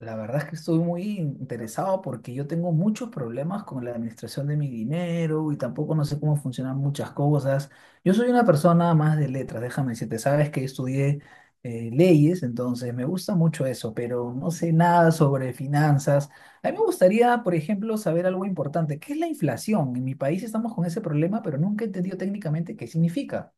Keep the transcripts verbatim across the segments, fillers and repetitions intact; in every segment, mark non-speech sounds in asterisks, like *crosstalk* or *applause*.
La verdad es que estoy muy interesado porque yo tengo muchos problemas con la administración de mi dinero y tampoco no sé cómo funcionan muchas cosas. Yo soy una persona más de letras, déjame decirte, sabes que estudié eh, leyes, entonces me gusta mucho eso, pero no sé nada sobre finanzas. A mí me gustaría, por ejemplo, saber algo importante, ¿qué es la inflación? En mi país estamos con ese problema, pero nunca he entendido técnicamente qué significa.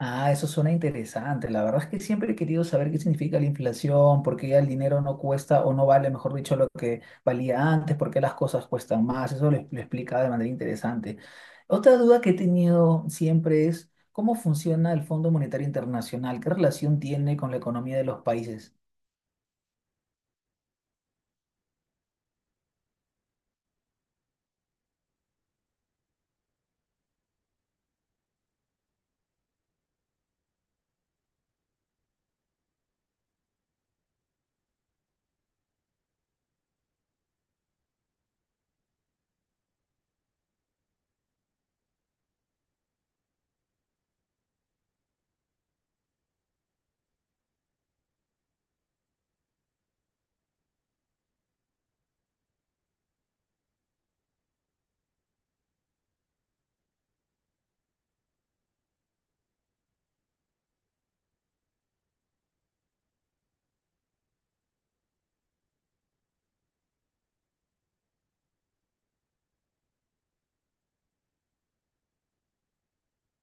Ah, eso suena interesante. La verdad es que siempre he querido saber qué significa la inflación, por qué ya el dinero no cuesta o no vale, mejor dicho, lo que valía antes, por qué las cosas cuestan más. Eso lo, ex- lo explica de manera interesante. Otra duda que he tenido siempre es cómo funciona el Fondo Monetario Internacional, qué relación tiene con la economía de los países.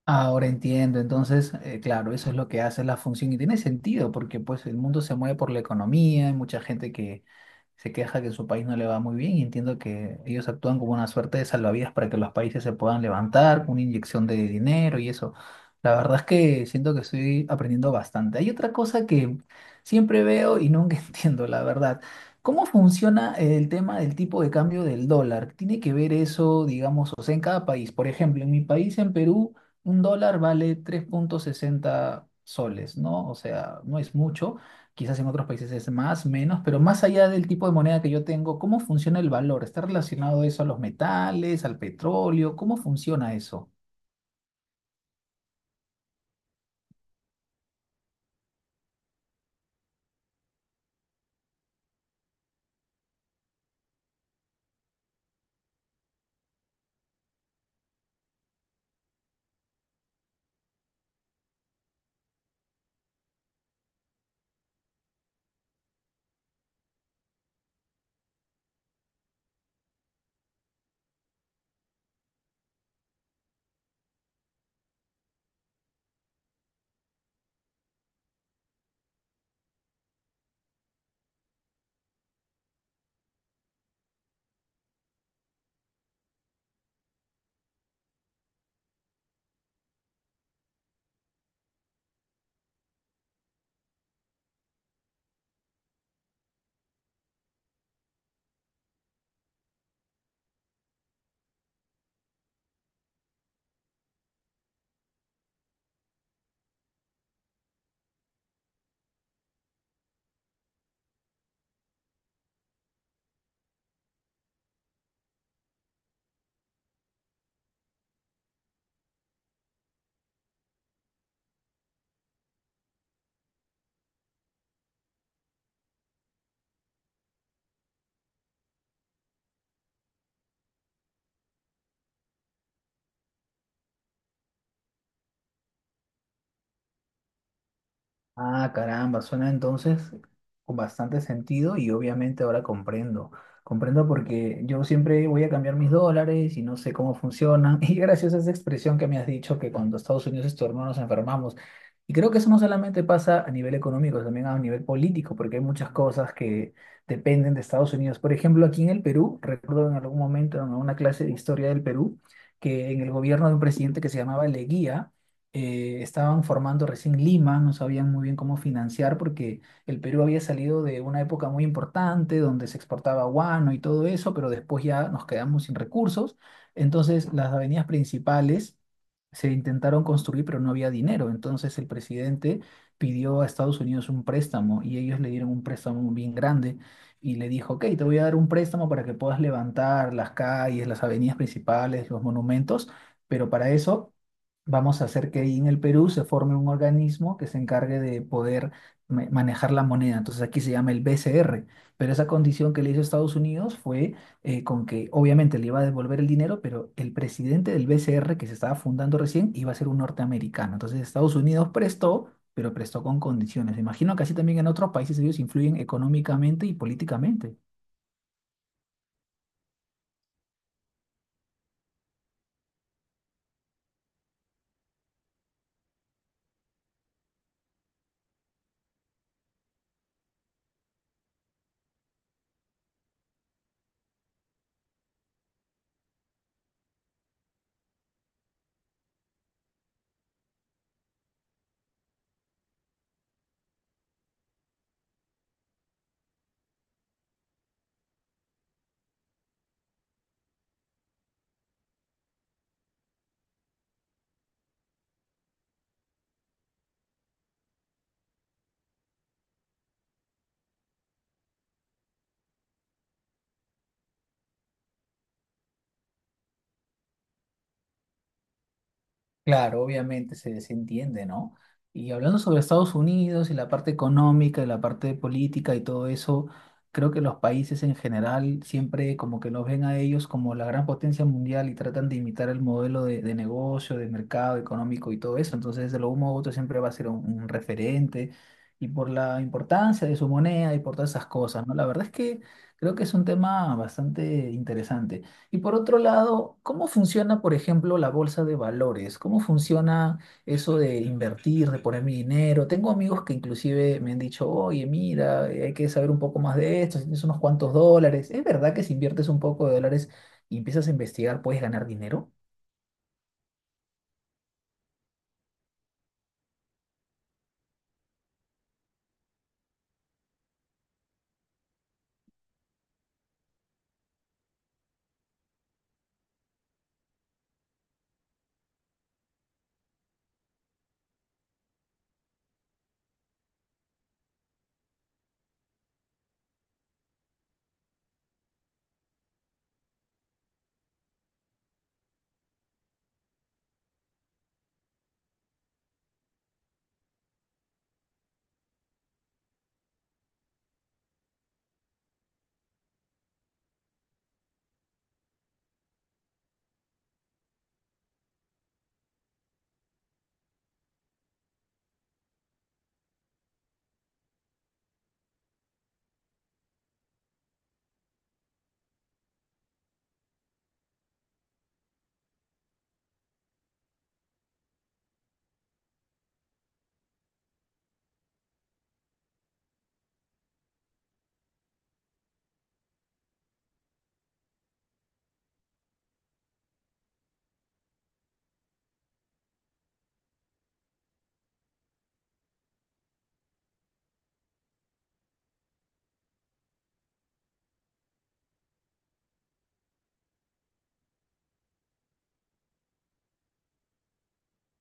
Ahora entiendo, entonces, eh, claro, eso es lo que hace la función y tiene sentido porque pues el mundo se mueve por la economía, hay mucha gente que se queja que en su país no le va muy bien y entiendo que ellos actúan como una suerte de salvavidas para que los países se puedan levantar, una inyección de dinero y eso. La verdad es que siento que estoy aprendiendo bastante. Hay otra cosa que siempre veo y nunca *laughs* entiendo, la verdad. ¿Cómo funciona el tema del tipo de cambio del dólar? ¿Tiene que ver eso, digamos, o sea, en cada país? Por ejemplo, en mi país, en Perú, un dólar vale tres punto sesenta soles, ¿no? O sea, no es mucho. Quizás en otros países es más, menos, pero más allá del tipo de moneda que yo tengo, ¿cómo funciona el valor? ¿Está relacionado eso a los metales, al petróleo? ¿Cómo funciona eso? Ah, caramba, suena entonces con bastante sentido y obviamente ahora comprendo. Comprendo porque yo siempre voy a cambiar mis dólares y no sé cómo funcionan. *laughs* Y gracias a esa expresión que me has dicho que cuando Estados Unidos es tu hermano nos enfermamos. Y creo que eso no solamente pasa a nivel económico, también a nivel político, porque hay muchas cosas que dependen de Estados Unidos. Por ejemplo, aquí en el Perú, recuerdo en algún momento en una clase de historia del Perú, que en el gobierno de un presidente que se llamaba Leguía, eh, estaban formando recién Lima, no sabían muy bien cómo financiar porque el Perú había salido de una época muy importante donde se exportaba guano y todo eso, pero después ya nos quedamos sin recursos. Entonces las avenidas principales se intentaron construir, pero no había dinero. Entonces el presidente pidió a Estados Unidos un préstamo y ellos le dieron un préstamo bien grande. Y le dijo, ok, te voy a dar un préstamo para que puedas levantar las calles, las avenidas principales, los monumentos, pero para eso vamos a hacer que ahí en el Perú se forme un organismo que se encargue de poder ma- manejar la moneda. Entonces aquí se llama el B C R, pero esa condición que le hizo Estados Unidos fue eh, con que obviamente le iba a devolver el dinero, pero el presidente del B C R que se estaba fundando recién iba a ser un norteamericano. Entonces Estados Unidos prestó, pero prestó con condiciones. Me imagino que así también en otros países ellos influyen económicamente y políticamente. Claro, obviamente se desentiende, ¿no? Y hablando sobre Estados Unidos y la parte económica y la parte política y todo eso, creo que los países en general siempre como que los ven a ellos como la gran potencia mundial y tratan de imitar el modelo de, de negocio, de mercado económico y todo eso. Entonces, de lo uno u otro siempre va a ser un, un referente y por la importancia de su moneda y por todas esas cosas, ¿no? La verdad es que creo que es un tema bastante interesante. Y por otro lado, ¿cómo funciona, por ejemplo, la bolsa de valores? ¿Cómo funciona eso de invertir, de poner mi dinero? Tengo amigos que inclusive me han dicho, oye, mira, eh, hay que saber un poco más de esto, si tienes unos cuantos dólares. ¿Es verdad que si inviertes un poco de dólares y empiezas a investigar, puedes ganar dinero?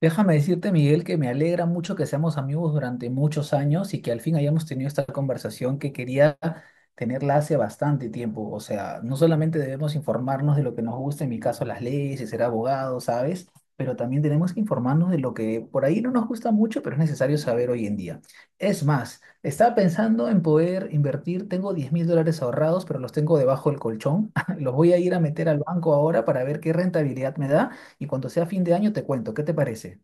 Déjame decirte, Miguel, que me alegra mucho que seamos amigos durante muchos años y que al fin hayamos tenido esta conversación que quería tenerla hace bastante tiempo. O sea, no solamente debemos informarnos de lo que nos gusta, en mi caso las leyes y ser abogado, ¿sabes? Pero también tenemos que informarnos de lo que por ahí no nos gusta mucho, pero es necesario saber hoy en día. Es más, estaba pensando en poder invertir, tengo diez mil dólares ahorrados, pero los tengo debajo del colchón. *laughs* Los voy a ir a meter al banco ahora para ver qué rentabilidad me da y cuando sea fin de año te cuento, ¿qué te parece?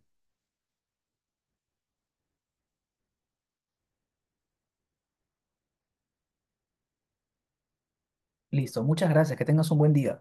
Listo, muchas gracias, que tengas un buen día.